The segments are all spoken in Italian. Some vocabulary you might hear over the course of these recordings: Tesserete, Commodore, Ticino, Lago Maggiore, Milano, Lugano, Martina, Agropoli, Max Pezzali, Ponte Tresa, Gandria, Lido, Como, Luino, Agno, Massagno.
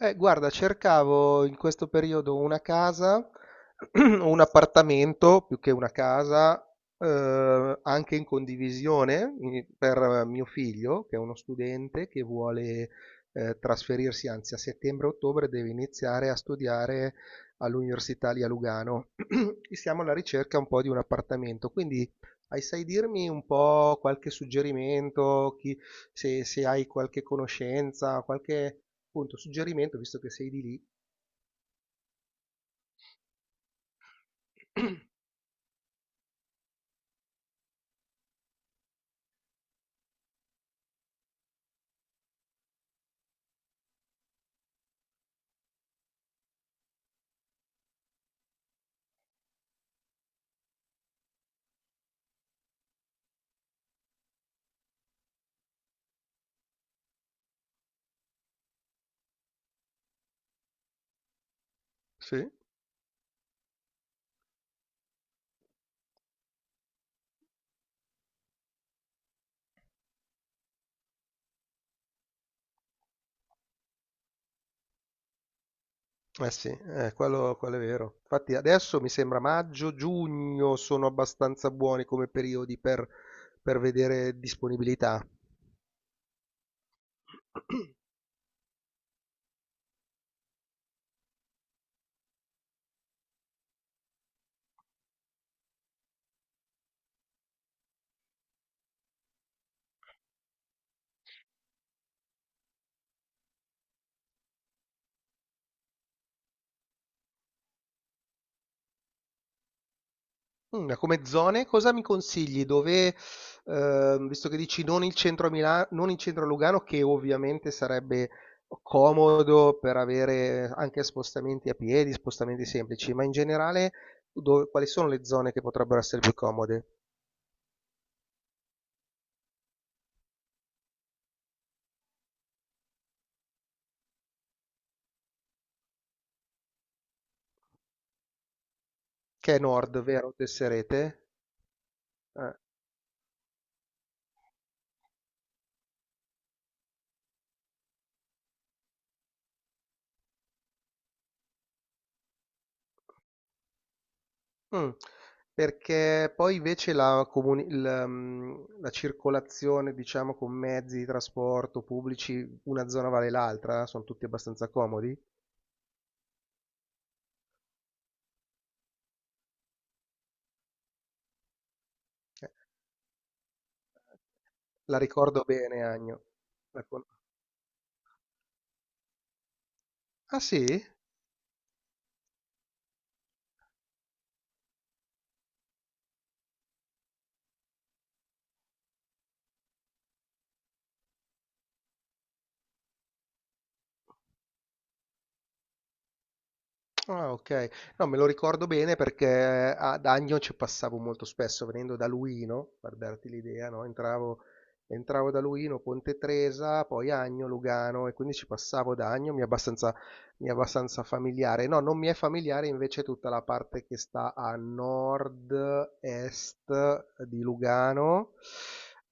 Guarda, cercavo in questo periodo una casa, un appartamento più che una casa, anche in condivisione per mio figlio, che è uno studente che vuole trasferirsi, anzi a settembre-ottobre deve iniziare a studiare all'Università lì a Lugano. E siamo alla ricerca un po' di un appartamento, quindi sai dirmi un po' qualche suggerimento, se hai qualche conoscenza, qualche appunto, suggerimento, visto che sei di lì. Sì, eh sì, quello è vero. Infatti adesso mi sembra maggio, giugno sono abbastanza buoni come periodi per vedere disponibilità. Come zone, cosa mi consigli? Dove? Visto che dici non il centro a Milano, non il centro a Lugano, che ovviamente sarebbe comodo per avere anche spostamenti a piedi, spostamenti semplici, ma in generale quali sono le zone che potrebbero essere più comode? Che è Nord, vero? Tesserete? Eh, mm. Perché poi invece la, comuni- il, mm, la circolazione, diciamo, con mezzi di trasporto pubblici, una zona vale l'altra, sono tutti abbastanza comodi. Eh, La ricordo bene, Agno. La con-. Ah sì? Ah, ok. No, me lo ricordo bene perché ad Agno ci passavo molto spesso venendo da Luino, per darti l'idea, no? Entravo da Luino, Ponte Tresa, poi Agno, Lugano e quindi ci passavo da Agno, mi è abbastanza familiare. No, non mi è familiare invece tutta la parte che sta a nord-est di Lugano.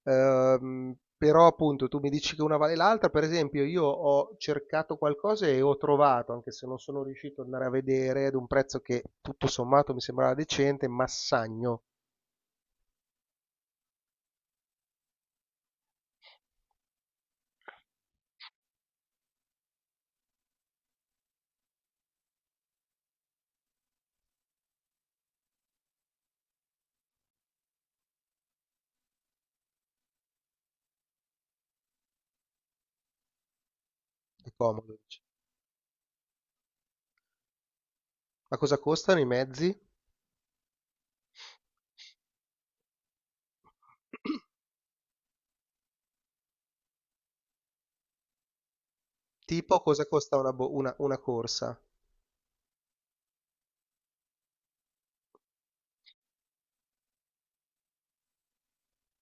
Però appunto tu mi dici che una vale l'altra, per esempio io ho cercato qualcosa e ho trovato, anche se non sono riuscito ad andare a vedere, ad un prezzo che tutto sommato mi sembrava decente, Massagno di Commodore. Ma cosa costano i mezzi? Tipo cosa costa una corsa?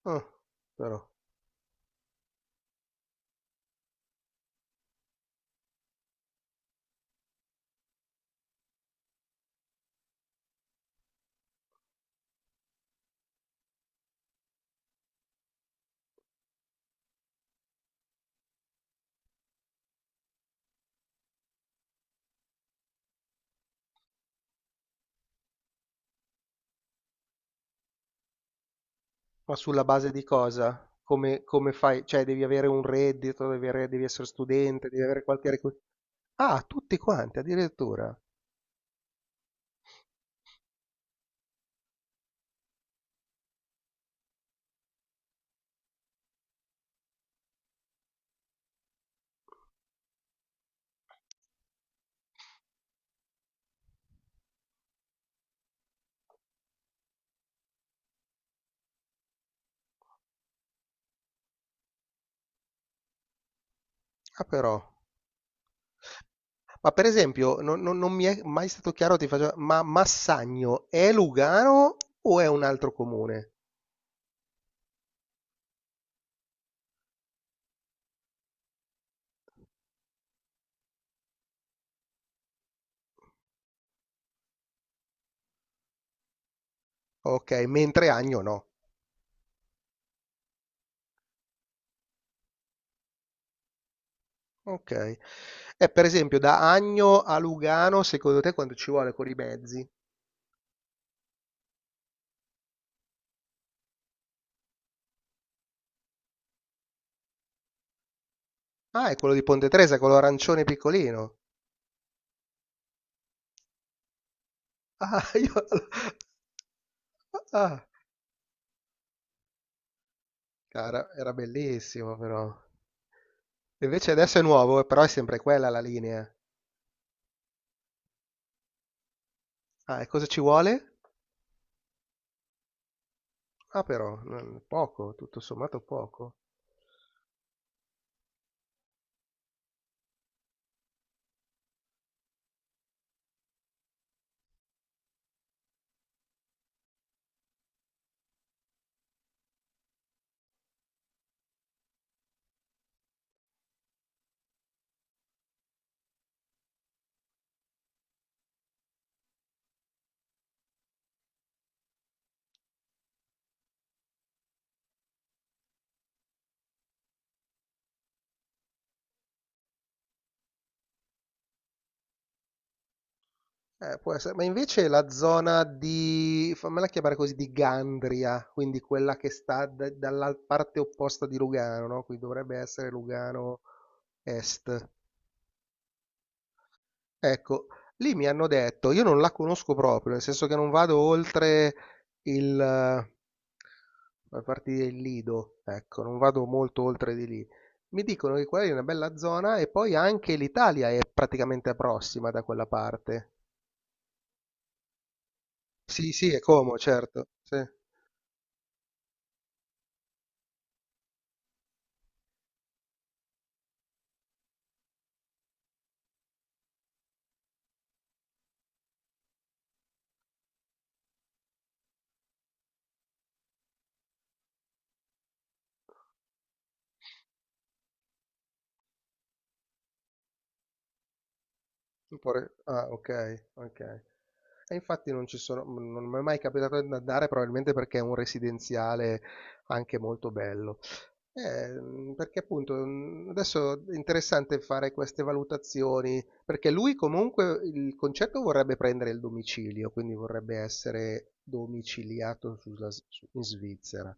Ah, però. Ma sulla base di cosa? Come fai? Cioè devi avere un reddito, devi essere studente, devi avere qualche requi-. Ah, tutti quanti addirittura. Ah, però. Ma per esempio, non mi è mai stato chiaro, ti faccio, ma Massagno è Lugano o è un altro comune? Ok, mentre Agno no. Ok. E per esempio, da Agno a Lugano, secondo te quanto ci vuole con i mezzi? Ah, è quello di Ponte Tresa, quello arancione piccolino. Ah, io. Ah, cara, era bellissimo però. Invece adesso è nuovo, però è sempre quella la linea. Ah, e cosa ci vuole? Ah, però, poco, tutto sommato poco. Può essere, ma invece la zona di, fammela chiamare così, di Gandria, quindi quella che sta dalla parte opposta di Lugano, no? Qui dovrebbe essere Lugano Est. Ecco, lì mi hanno detto, io non la conosco proprio, nel senso che non vado oltre il, eh, la parte del Lido, ecco, non vado molto oltre di lì. Mi dicono che quella lì è una bella zona e poi anche l'Italia è praticamente prossima da quella parte. Sì, sì, è Como, certo. Sì. Ah, ok, ok. E infatti non ci sono, non mi è mai capitato di andare, probabilmente perché è un residenziale anche molto bello. Perché appunto adesso è interessante fare queste valutazioni, perché lui comunque il concetto vorrebbe prendere il domicilio, quindi vorrebbe essere domiciliato in Svizzera.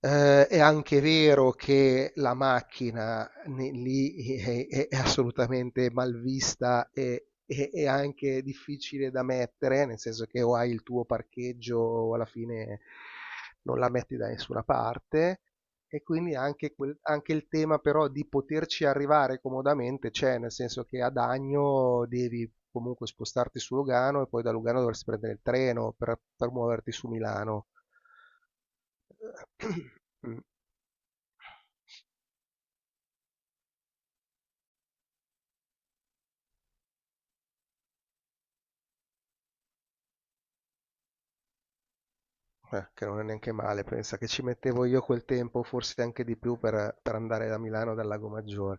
È anche vero che la macchina lì è, è assolutamente malvista e e anche difficile da mettere, nel senso che o hai il tuo parcheggio alla fine non la metti da nessuna parte. E quindi anche, anche il tema però di poterci arrivare comodamente c'è, nel senso che ad Agno devi comunque spostarti su Lugano e poi da Lugano dovresti prendere il treno per muoverti su Milano. Mm. Che non è neanche male, pensa che ci mettevo io quel tempo, forse anche di più, per andare da Milano dal Lago Maggiore,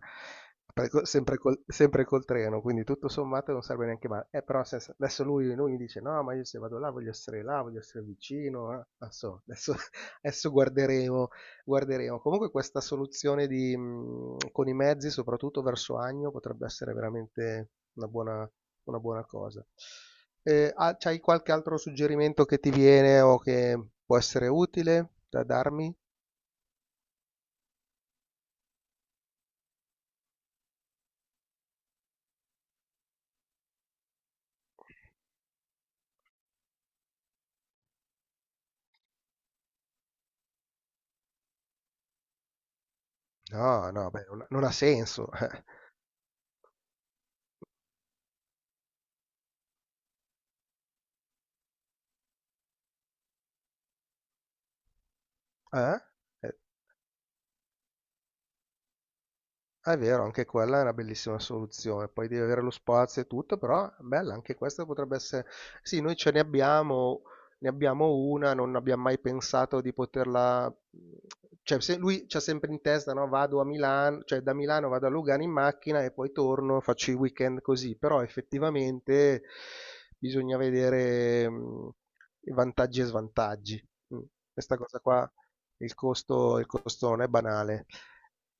sempre col treno, quindi tutto sommato non serve neanche male. Però adesso lui, mi dice, no, ma io se vado là, voglio essere vicino, eh. Non so, adesso, adesso guarderemo. Comunque questa soluzione con i mezzi, soprattutto verso Agno, potrebbe essere veramente una buona cosa. Ah, c'hai qualche altro suggerimento che ti viene o che può essere utile da darmi? No, no, beh, non ha senso. Eh? Eh? È vero, anche quella è una bellissima soluzione. Poi devi avere lo spazio e tutto, però bella, anche questa potrebbe essere. Sì, noi ce ne abbiamo una, non abbiamo mai pensato di poterla. Cioè, se lui c'ha sempre in testa, no? Vado a Milano, cioè da Milano vado a Lugano in macchina e poi torno, faccio i weekend così. Però effettivamente bisogna vedere i vantaggi e svantaggi. Mm. Questa cosa qua, il costo non è banale.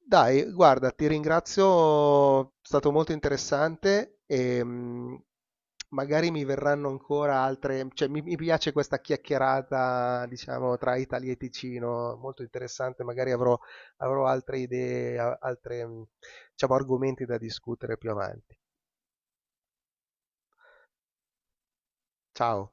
Dai, guarda, ti ringrazio, è stato molto interessante e magari mi verranno ancora altre, cioè mi piace questa chiacchierata, diciamo, tra Italia e Ticino, molto interessante, magari avrò altre idee, altre, diciamo, argomenti da discutere più avanti. Ciao.